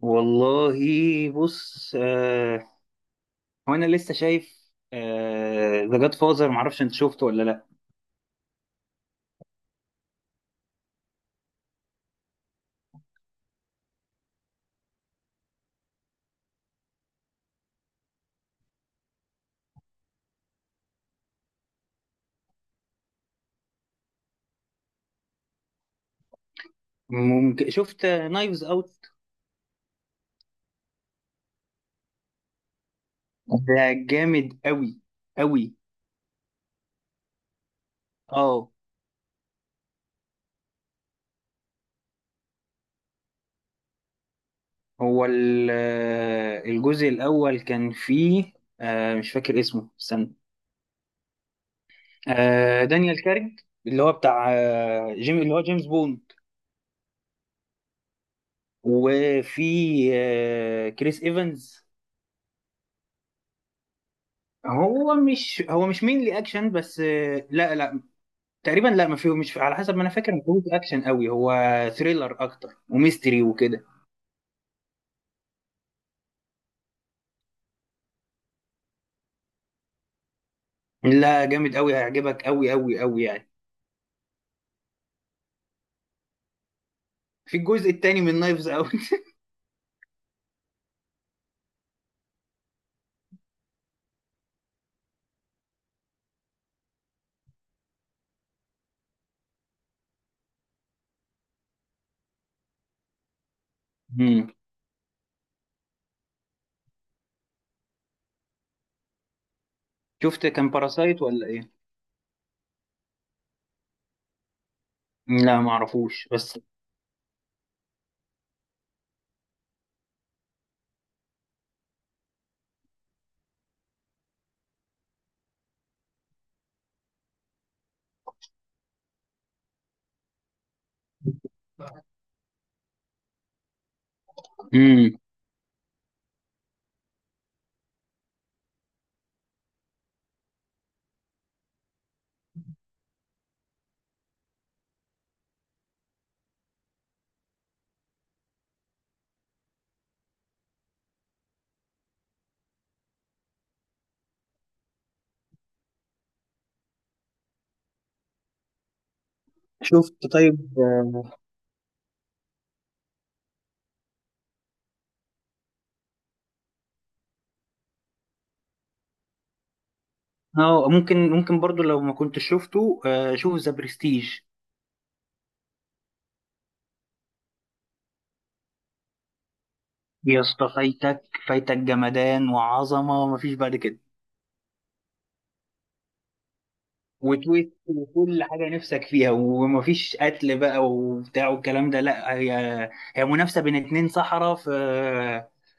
والله بص وانا لسه شايف ذا جاد فازر، معرفش انت شفته ولا لا. ممكن شفت نايفز اوت؟ ده جامد قوي قوي. اه، هو الجزء الاول كان فيه، مش فاكر اسمه، استنى. دانيال كارج، اللي هو بتاع جيم، اللي هو جيمس بوند. وفي كريس ايفنز. هو مش مين لي اكشن بس، لا لا، تقريبا لا، ما فيه، مش على حسب ما انا فاكر، ما فيهوش اكشن قوي هو. ثريلر اكتر وميستري وكده. لا جامد قوي، هيعجبك قوي قوي قوي يعني. في الجزء التاني من نايفز اوت. مم. شفت كان باراسايت ولا ايه؟ لا ما اعرفوش بس. امم. شفت؟ طيب. اه ممكن، ممكن برضو لو ما كنتش شفته، شوف ذا برستيج. يا اسطى فايتك، فايتك جمدان وعظمه ومفيش بعد كده. وتويست وكل حاجة نفسك فيها، ومفيش قتل بقى وبتاع والكلام ده، لا. هي، هي منافسة بين اتنين سحرة في،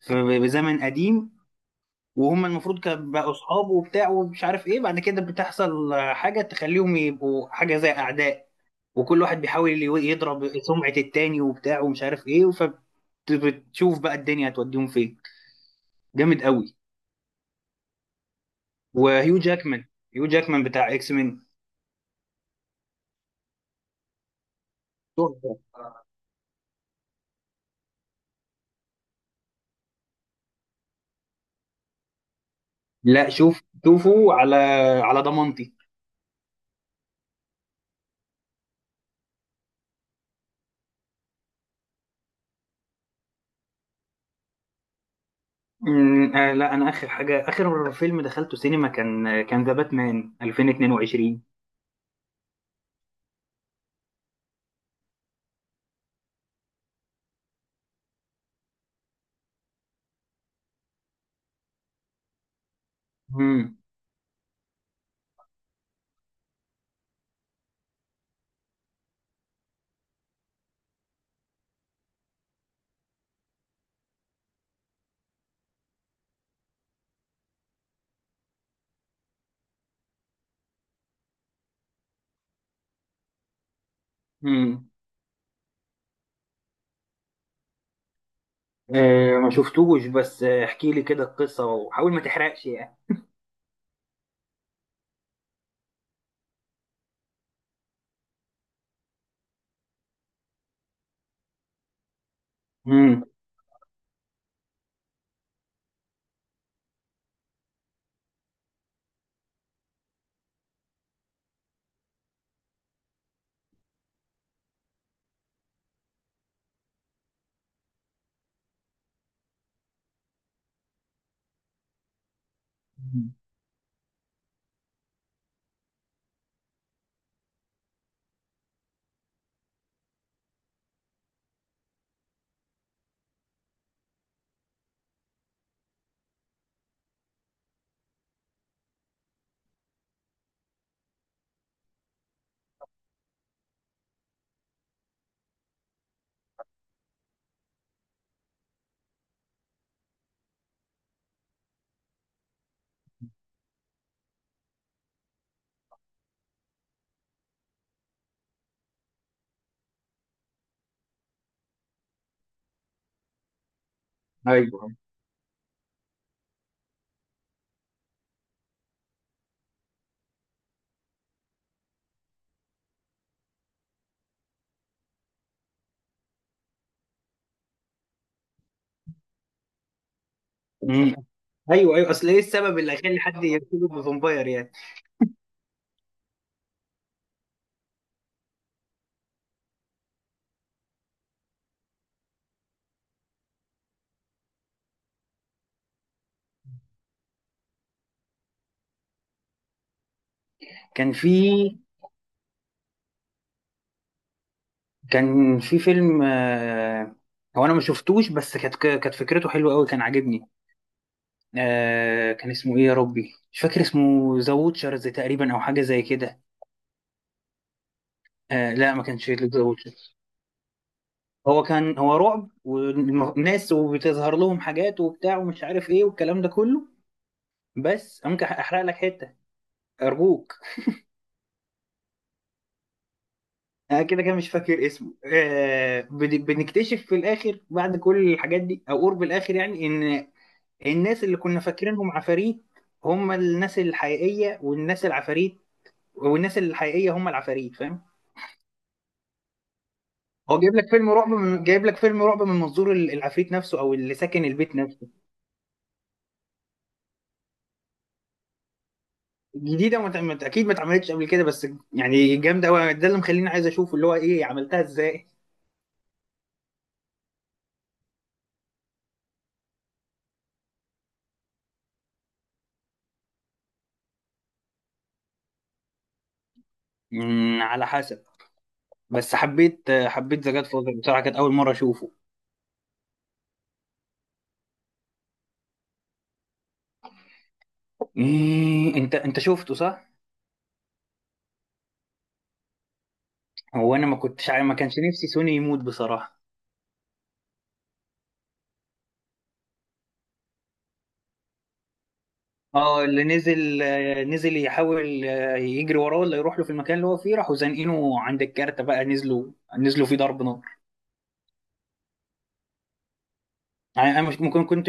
بزمن قديم. وهم المفروض كانوا بقوا صحاب وبتاع ومش عارف ايه، بعد كده بتحصل حاجة تخليهم يبقوا حاجة زي أعداء. وكل واحد بيحاول يضرب سمعة التاني وبتاع ومش عارف ايه. فبتشوف بقى الدنيا هتوديهم فين. جامد قوي. وهيو جاكمان، هيو جاكمان بتاع اكس مين. تحفة. لا شوف، شوفوا على، على ضمانتي. أمم، آه لا انا اخر حاجه، اخر فيلم دخلته سينما كان، كان ذا باتمان 2022. امم. امم. آه ما شفتوش بس، احكي لي كده القصه وحاول ما تحرقش يعني. امم. أمم. ايوه. أمم. ايوه ايوه، اصل ايه السبب اللي خلى حد يرتبط بفامباير يعني؟ كان في، كان في فيلم، هو انا ما شفتوش بس كانت، كانت فكرته حلوه قوي، كان عاجبني. كان اسمه ايه يا ربي، مش فاكر اسمه. ذا ووتشرز تقريبا او حاجه زي كده. لا ما كانش ذا ووتشرز. هو كان، هو رعب والناس وبتظهر لهم حاجات وبتاع ومش عارف ايه والكلام ده كله. بس ممكن احرق لك حته؟ ارجوك. انا كده كده مش فاكر اسمه. بنكتشف في الاخر بعد كل الحاجات دي، او قرب الاخر يعني، ان الناس اللي كنا فاكرينهم عفاريت هم الناس الحقيقيه، والناس العفاريت والناس الحقيقيه هم العفاريت، فاهم؟ هو جايب لك فيلم رعب من، جايب لك فيلم رعب من منظور العفريت نفسه، او اللي ساكن البيت نفسه. جديده، ما ت- ما ت- اكيد ما اتعملتش قبل كده، بس يعني جامده قوي، ده اللي مخليني عايز اشوف اللي هو ايه، عملتها ازاي. على حسب. بس حبيت، حبيت ذا جاد فاذر بصراحه، كانت اول مره اشوفه. انت، انت شفته صح؟ هو انا ما كنتش عارف- ما كانش نفسي سوني يموت بصراحه. اه اللي نزل، نزل يحاول، يجري وراه ولا يروح له في المكان اللي هو فيه، راحوا زانقينه عند الكارتة بقى، نزلوا، نزلوا فيه ضرب نار. يعني انا مش ممكن كنت.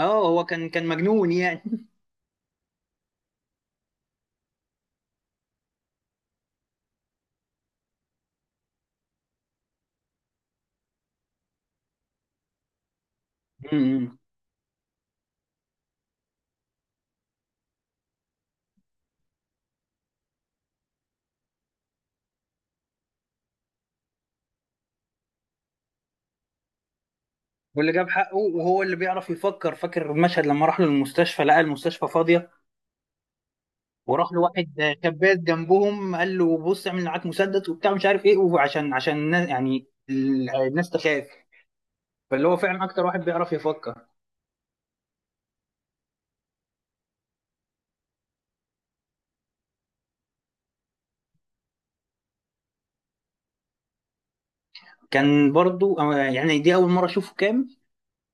اه هو كان، كان مجنون يعني. أمم. واللي جاب حقه وهو اللي بيعرف يفكر، فاكر المشهد لما راح له المستشفى لقى المستشفى فاضيه، وراح له واحد شبات جنبهم قال له بص اعمل معاك مسدس وبتاع مش عارف ايه، وعشان، عشان الناس يعني الناس تخاف. فاللي هو فعلا اكتر واحد بيعرف يفكر. كان برضو، يعني دي اول مره اشوفه كامل.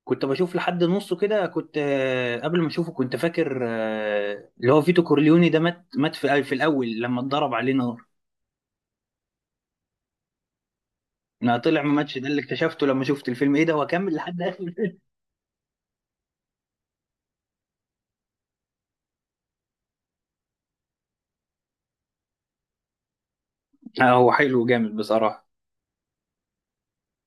كنت بشوف لحد نصه كده، كنت قبل ما اشوفه كنت فاكر، اللي هو فيتو كورليوني ده مات، مات في، في الاول لما اتضرب عليه نار. ما طلع مماتش، ده اللي اكتشفته لما شفت الفيلم، ايه ده هو كمل لحد اخر الفيلم. هو حلو جامد بصراحة.